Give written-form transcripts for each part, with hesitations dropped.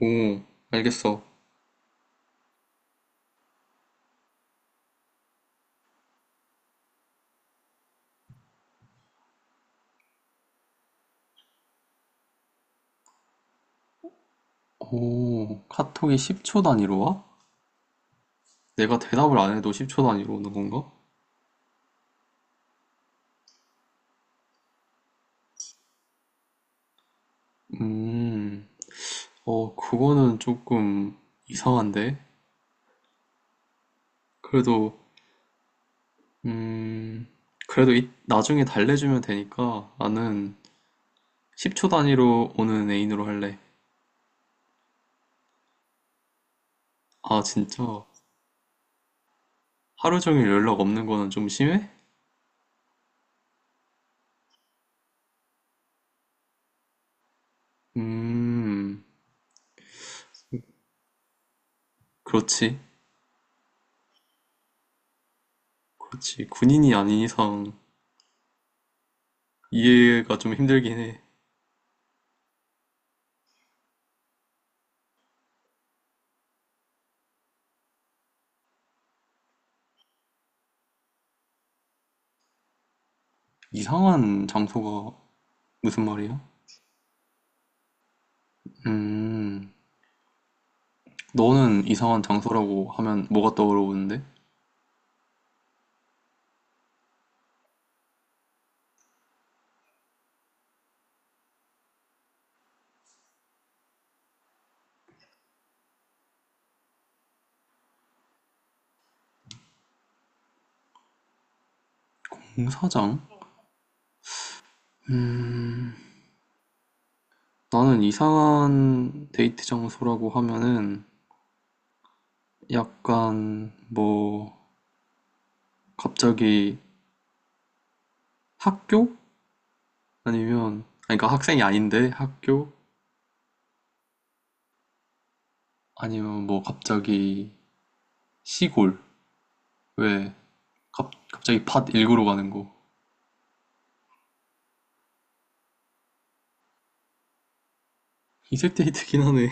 오, 알겠어. 오, 카톡이 10초 단위로 와? 내가 대답을 안 해도 10초 단위로 오는 건가? 음, 그거는 조금 이상한데? 그래도, 음, 나중에 달래주면 되니까 나는 10초 단위로 오는 애인으로 할래. 아, 진짜? 하루 종일 연락 없는 거는 좀 심해? 음. 그렇지. 그렇지. 군인이 아닌 이상 이해가 좀 힘들긴 해. 이상한 장소가 무슨 말이야? 음, 너는 이상한 장소라고 하면 뭐가 떠오르는데? 공사장? 나는 이상한 데이트 장소라고 하면은 약간 뭐 갑자기 학교? 아니면 아니 그러니까 학생이 아닌데 학교? 아니면 뭐 갑자기 시골? 왜 갑자기 밭 일구러 가는 거? 이색 데이트긴 하네.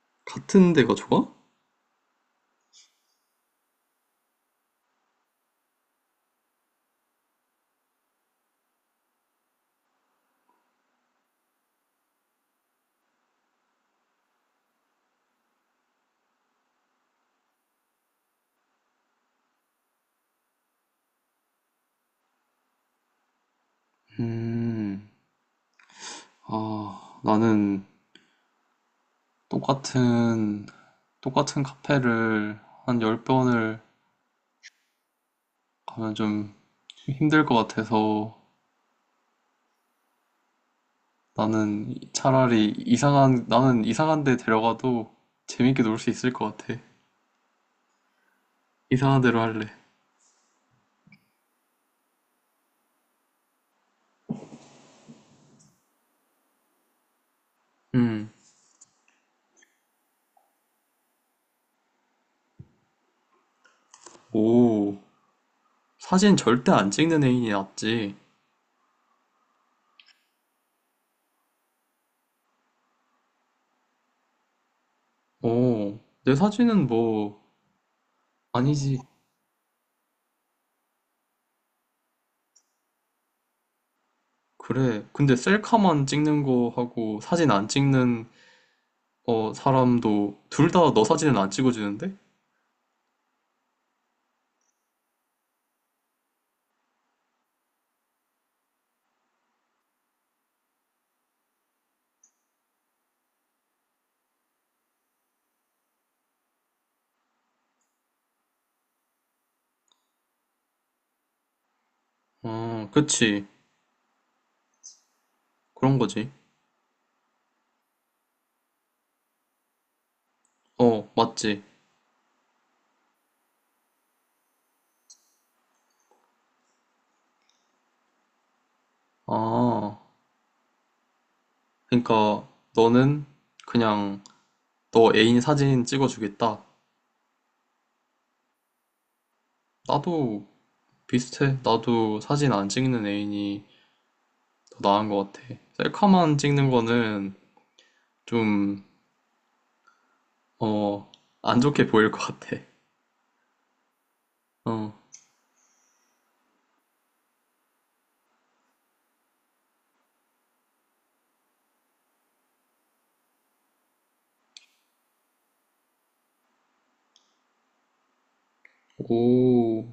같은 데가 좋아? 음, 아, 나는 똑같은 똑같은 카페를 한 10번을 가면 좀 힘들 것 같아서 나는 차라리 나는 이상한 데 데려가도 재밌게 놀 수 있을 것 같아. 이상한 데로 할래. 음. 오. 사진 절대 안 찍는 애인이 낫지. 오. 내 사진은 뭐, 아니지. 그래. 근데 셀카만 찍는 거 하고 사진 안 찍는 어, 사람도 둘 다 너 사진은 안 찍어주는데? 어, 그치. 그런 거지. 어, 맞지. 아, 그러니까 너는 그냥 너 애인 사진 찍어주겠다. 나도 비슷해. 나도 사진 안 찍는 애인이 더 나은 것 같아. 셀카만 찍는 거는 좀, 어, 안 좋게 보일 것 같아. 어. 오,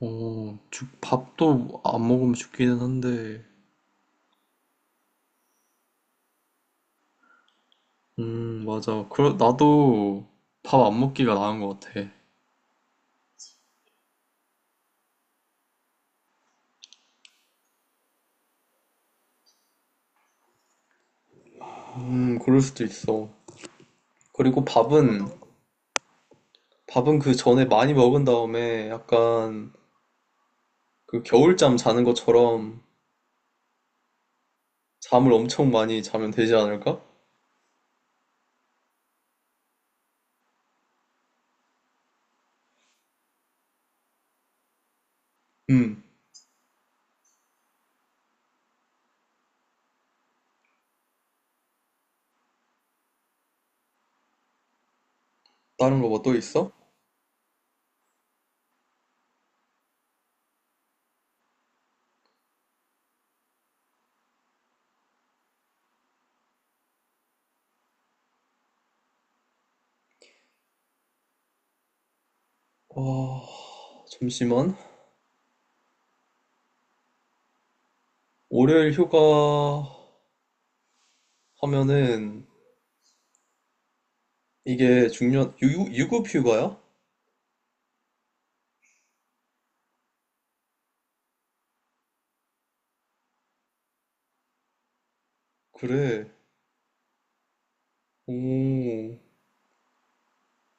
밥도 안 먹으면 죽기는 한데, 맞아. 나도 밥 안 먹기가 나은 것 같아. 그럴 수도 있어. 그리고 밥은 그 전에 많이 먹은 다음에 약간 그 겨울잠 자는 것처럼 잠을 엄청 많이 자면 되지 않을까? 음, 다른 거 뭐 또 있어? 와, 잠시만. 월요일 휴가 하면은 이게 유급 휴가야? 그래. 오,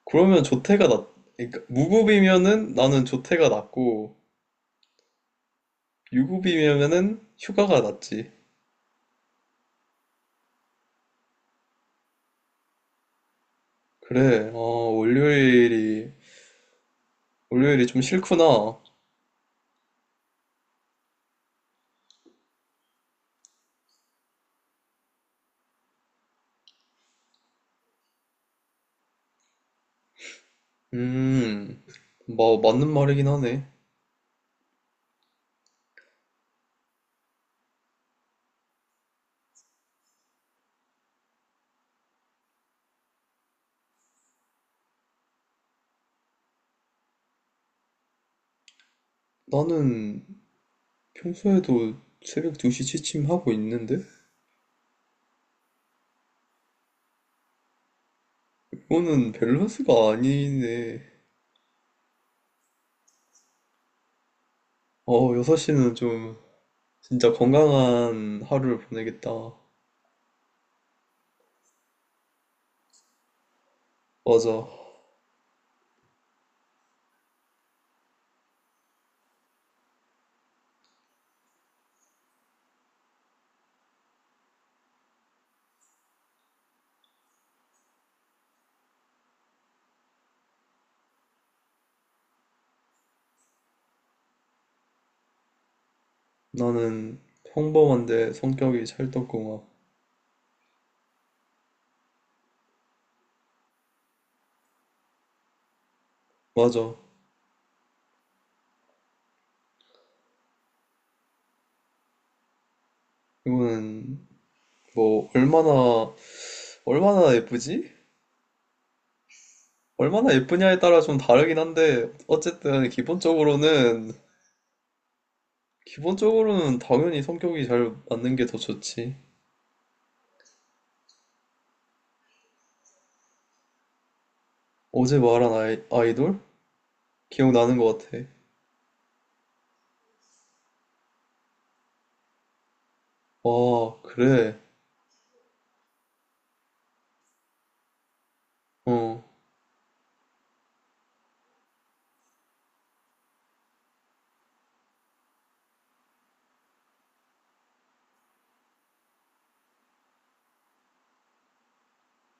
그러면 조퇴가 낫, 그러니까 무급이면은 나는 조퇴가 낫고, 유급이면은 휴가가 낫지. 그래, 아... 월요일이, 월요일이 좀 싫구나. 음, 뭐, 맞는 말이긴 하네. 나는 평소에도 새벽 2시 취침하고 있는데? 이거는 밸런스가 아니네. 어, 6시는 좀 진짜 건강한 하루를 보내겠다. 맞아. 나는 평범한데 성격이 찰떡궁합. 맞아. 이거는 뭐, 얼마나, 얼마나 예쁘지? 얼마나 예쁘냐에 따라 좀 다르긴 한데, 어쨌든 기본적으로는 기본적으로는 당연히 성격이 잘 맞는 게 더 좋지. 어제 말한 아이돌? 기억나는 것 같아. 아, 그래. 어.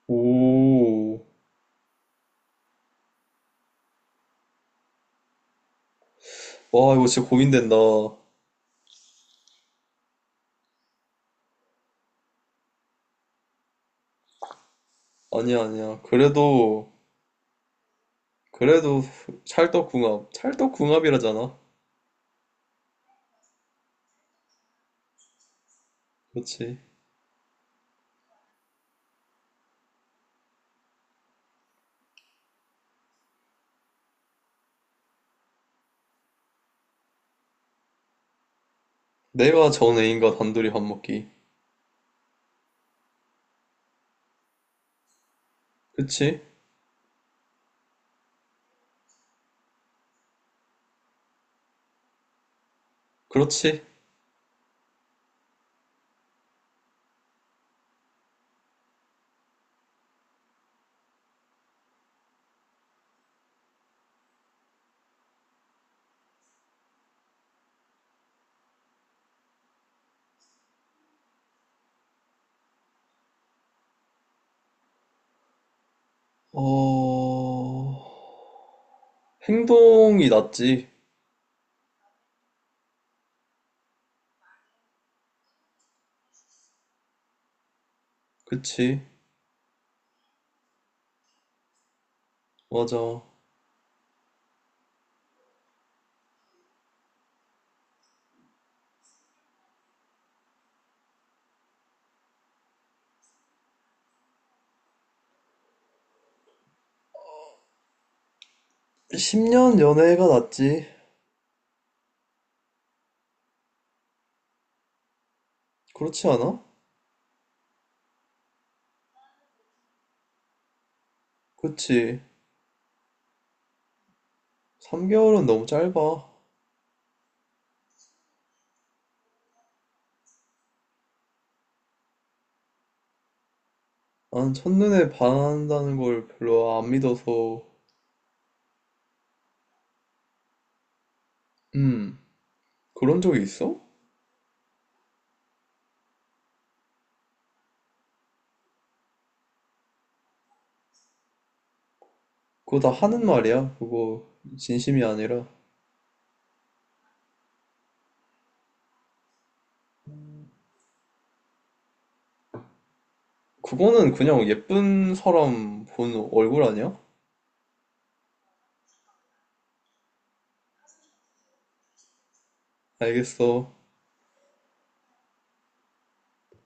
오. 와, 이거 진짜 고민된다. 아니야, 아니야. 그래도, 그래도 찰떡궁합이라잖아. 그렇지. 내가 전 애인과 단둘이 밥 먹기. 그치? 그렇지. 어, 행동이 낫지. 그치. 맞아. 10년 연애가 낫지. 그렇지 않아? 그치. 3개월은 너무 짧아. 난 첫눈에 반한다는 걸 별로 안 믿어서. 음, 그런 적이 있어? 그거 다 하는 말이야, 그거 진심이 아니라. 그거는 그냥 예쁜 사람 본 얼굴 아니야? 알겠어.